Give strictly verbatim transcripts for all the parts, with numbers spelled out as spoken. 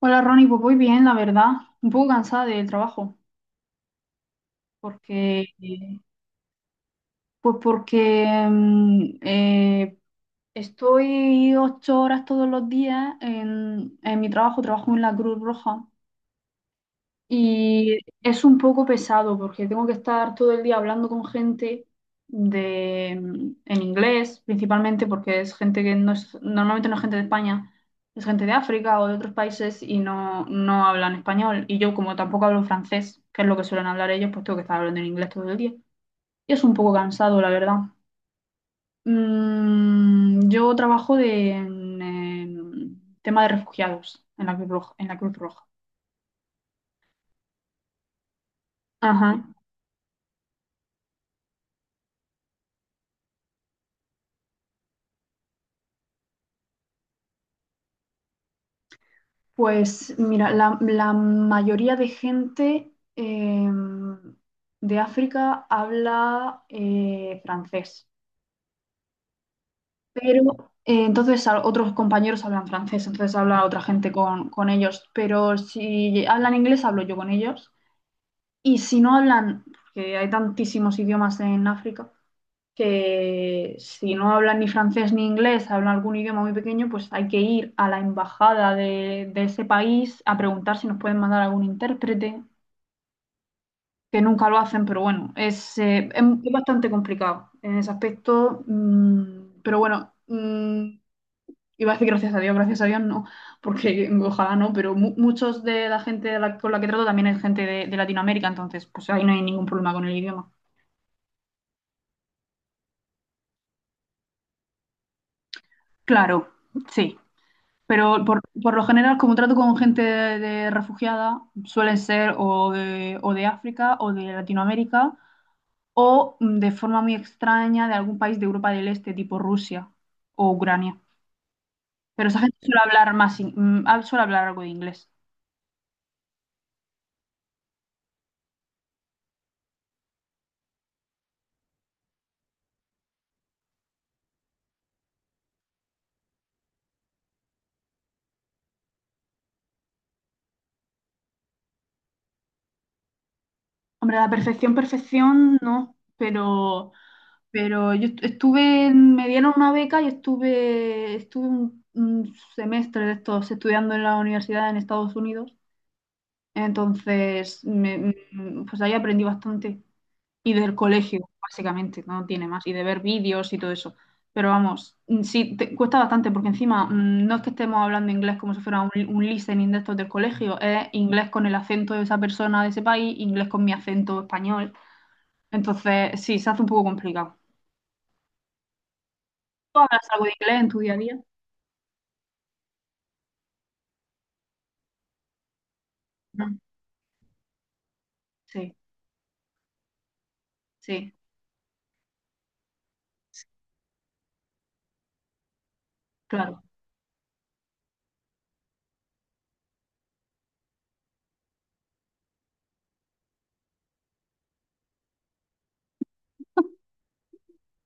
Hola Ronnie, pues voy bien, la verdad. Un poco cansada del trabajo, porque pues porque mm, eh, estoy ocho horas todos los días en, en mi trabajo, trabajo en la Cruz Roja. Y es un poco pesado porque tengo que estar todo el día hablando con gente de, en inglés, principalmente porque es gente que no es, normalmente no es gente de España, es gente de África o de otros países y no, no hablan español. Y yo como tampoco hablo francés, que es lo que suelen hablar ellos, pues tengo que estar hablando en inglés todo el día. Y es un poco cansado, la verdad. Mm, yo trabajo de, en, en, tema de refugiados en la Cruz Roja- en la Cruz Roja. Ajá. Pues mira, la, la mayoría de gente eh, de África habla eh, francés, pero eh, entonces a- otros compañeros hablan francés, entonces habla otra gente con, con ellos, pero si hablan inglés hablo yo con ellos y si no hablan, que hay tantísimos idiomas en África, que si no hablan ni francés ni inglés, hablan algún idioma muy pequeño, pues hay que ir a la embajada de, de ese país a preguntar si nos pueden mandar algún intérprete, que nunca lo hacen, pero bueno, es, eh, es, es bastante complicado en ese aspecto, mm, pero bueno, mm, iba a decir gracias a Dios, gracias a Dios no, porque ojalá no, pero mu- muchos de la gente de la- con la que trato también es gente de, de Latinoamérica, entonces pues ahí no hay ningún problema con el idioma. Claro, sí. Pero por, por lo general, como trato con gente de, de refugiada, suelen ser o de, o de África o de Latinoamérica o mm, de forma muy extraña de algún país de Europa del Este, tipo Rusia o Ucrania. Pero esa gente suele hablar más, in- mm, ah, suele hablar algo de inglés. Hombre, a la perfección, perfección, no, pero, pero yo est- estuve, en- me dieron una beca y estuve, estuve un, un semestre de estos estudiando en la universidad en Estados Unidos. Entonces, me- mm, mm, pues ahí aprendí bastante. Y del colegio, básicamente, no tiene más. Y de ver vídeos y todo eso. Pero vamos, mm, sí, te- cuesta bastante porque encima mm, no es que estemos hablando inglés como si fuera un, un listening de estos del colegio, es inglés con el acento de esa persona de ese país, inglés con mi acento español. Entonces, sí, se hace un poco complicado. ¿Tú hablas algo de inglés en tu día a día? Mm, sí, sí, claro.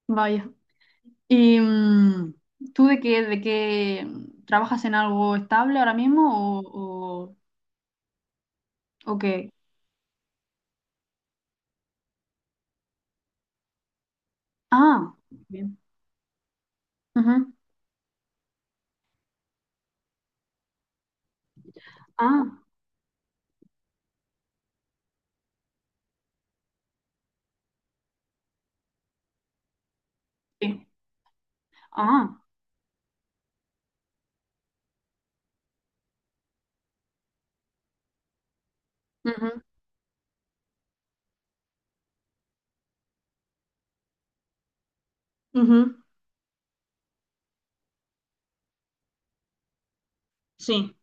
Vaya. ¿Y mm, tú de qué, de qué mm, trabajas en algo estable ahora mismo o, o, o qué? Ah, bien. Ujú. Ah, sí. Ah, ujú, ujú. Sí.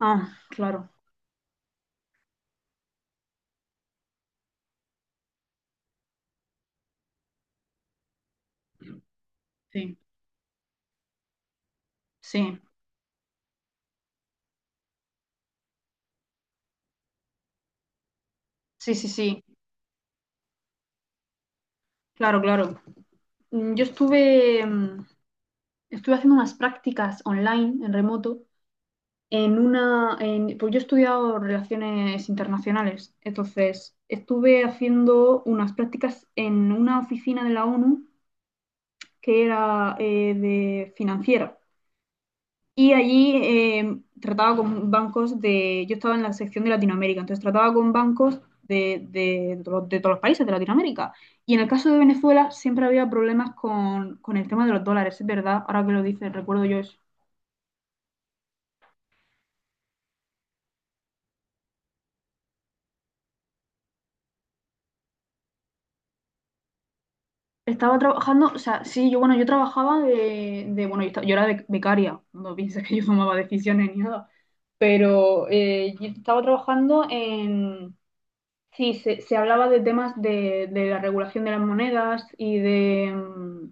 Ah, claro. Sí, sí, sí, sí, sí. Claro, claro. Mm, Yo estuve, mm, estuve haciendo unas prácticas online en remoto en una, en- pues yo he estudiado relaciones internacionales, entonces estuve haciendo unas prácticas en una oficina de la ONU que era eh, de financiera y allí eh, trataba con bancos de, yo estaba en la sección de Latinoamérica, entonces trataba con bancos de, de, to- de todos los países de Latinoamérica y en el caso de Venezuela siempre había problemas con, con el tema de los dólares, es verdad, ahora que lo dices, recuerdo yo. Estaba trabajando, o sea, sí, yo, bueno, yo trabajaba de, de- bueno, yo, esta- yo era bec- becaria, no pienses que yo tomaba decisiones ni nada, pero eh, yo estaba trabajando en, sí, se, se hablaba de temas de, de la regulación de las monedas y de, mm,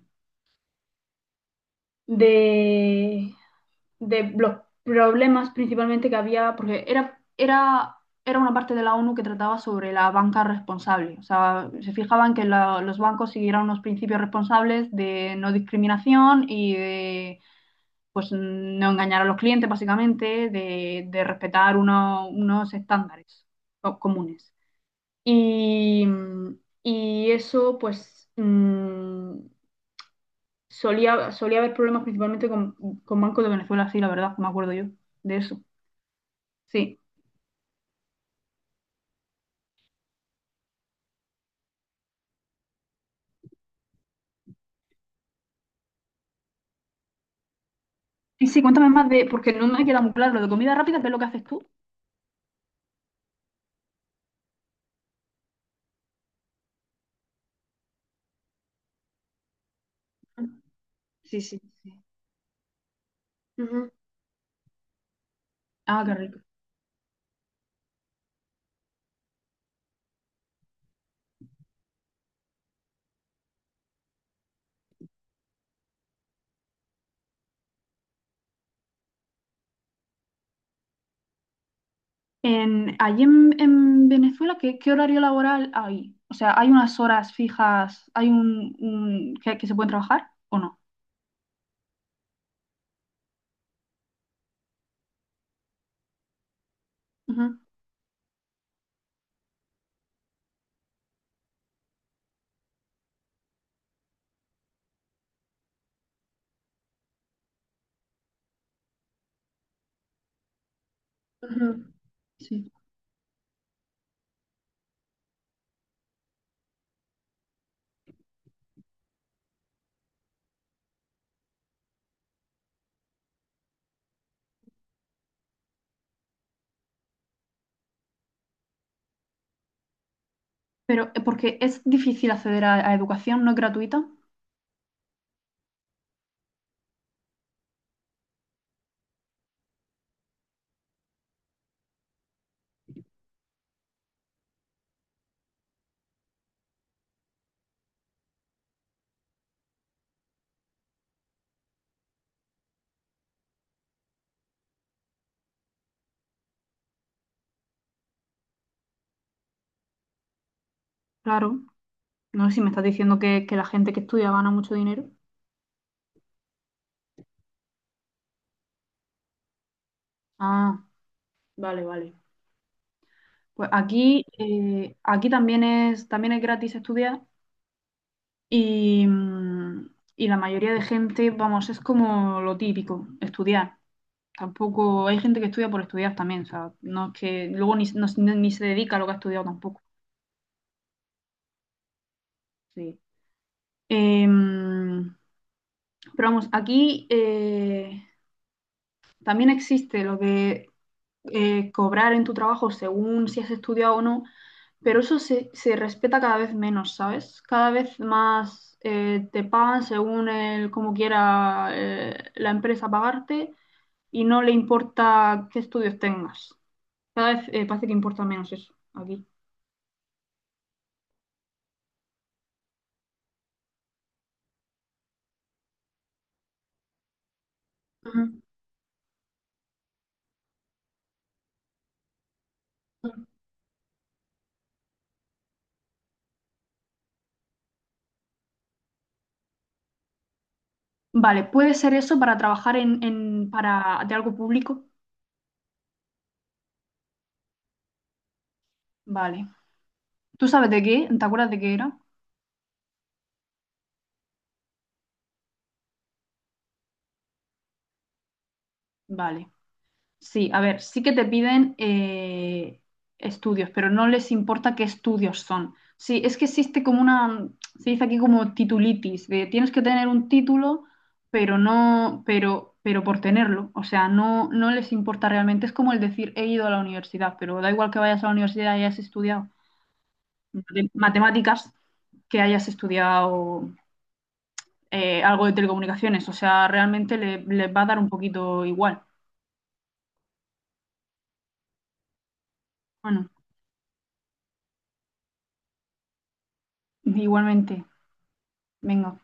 de, de los problemas principalmente que había, porque era, era, era una parte de la ONU que trataba sobre la banca responsable. O sea, se fijaban que la- los bancos siguieran unos principios responsables de no discriminación y de pues no engañar a los clientes, básicamente, de, de respetar uno- unos estándares co- comunes. Y, y eso, pues, mm, solía, solía haber problemas principalmente con, con Banco de Venezuela, sí, la verdad, me acuerdo yo de eso. Sí. Y sí, cuéntame más de, porque no me queda muy claro lo de comida rápida, ¿qué es lo que haces tú? Sí, sí, sí. Ujú. Ah, qué rico. En, allí en, en Venezuela, ¿qué, qué horario laboral hay? O sea, ¿hay unas horas fijas, hay un, un- que, que se pueden trabajar o no? Ujú, ujú. Sí. Pero eh, porque es difícil acceder a, a educación, no es gratuita. Claro. No sé si me estás diciendo que, que la gente que estudia gana mucho dinero. Ah, vale, vale. Pues aquí, eh, aquí también es, también es gratis estudiar y, mm, y la mayoría de gente, vamos, es como lo típico, estudiar. Tampoco hay gente que estudia por estudiar también, o sea, no es que luego ni, no- ni se dedica a lo que ha estudiado tampoco. Sí. Em, pero vamos, aquí eh, también existe lo que eh, cobrar en tu trabajo según si has estudiado o no, pero eso se, se respeta cada vez menos, ¿sabes? Cada vez más eh, te pagan según el, como quiera eh, la empresa pagarte y no le importa qué estudios tengas. Cada vez eh, parece que importa menos eso aquí. Ujú. Vale, puede ser eso para trabajar en, en- para, de algo público. Vale. ¿Tú sabes de qué? ¿Te acuerdas de qué era? Vale. Sí, a ver, sí que te piden eh, estudios, pero no les importa qué estudios son. Sí, es que existe como una, se dice aquí como titulitis, de tienes que tener un título, pero no, pero, pero por tenerlo. O sea, no, no les importa realmente. Es como el decir he ido a la universidad, pero da igual que vayas a la universidad y hayas estudiado mate- matemáticas, que hayas estudiado eh, algo de telecomunicaciones. O sea, realmente le- les va a dar un poquito igual. Bueno, igualmente. Venga.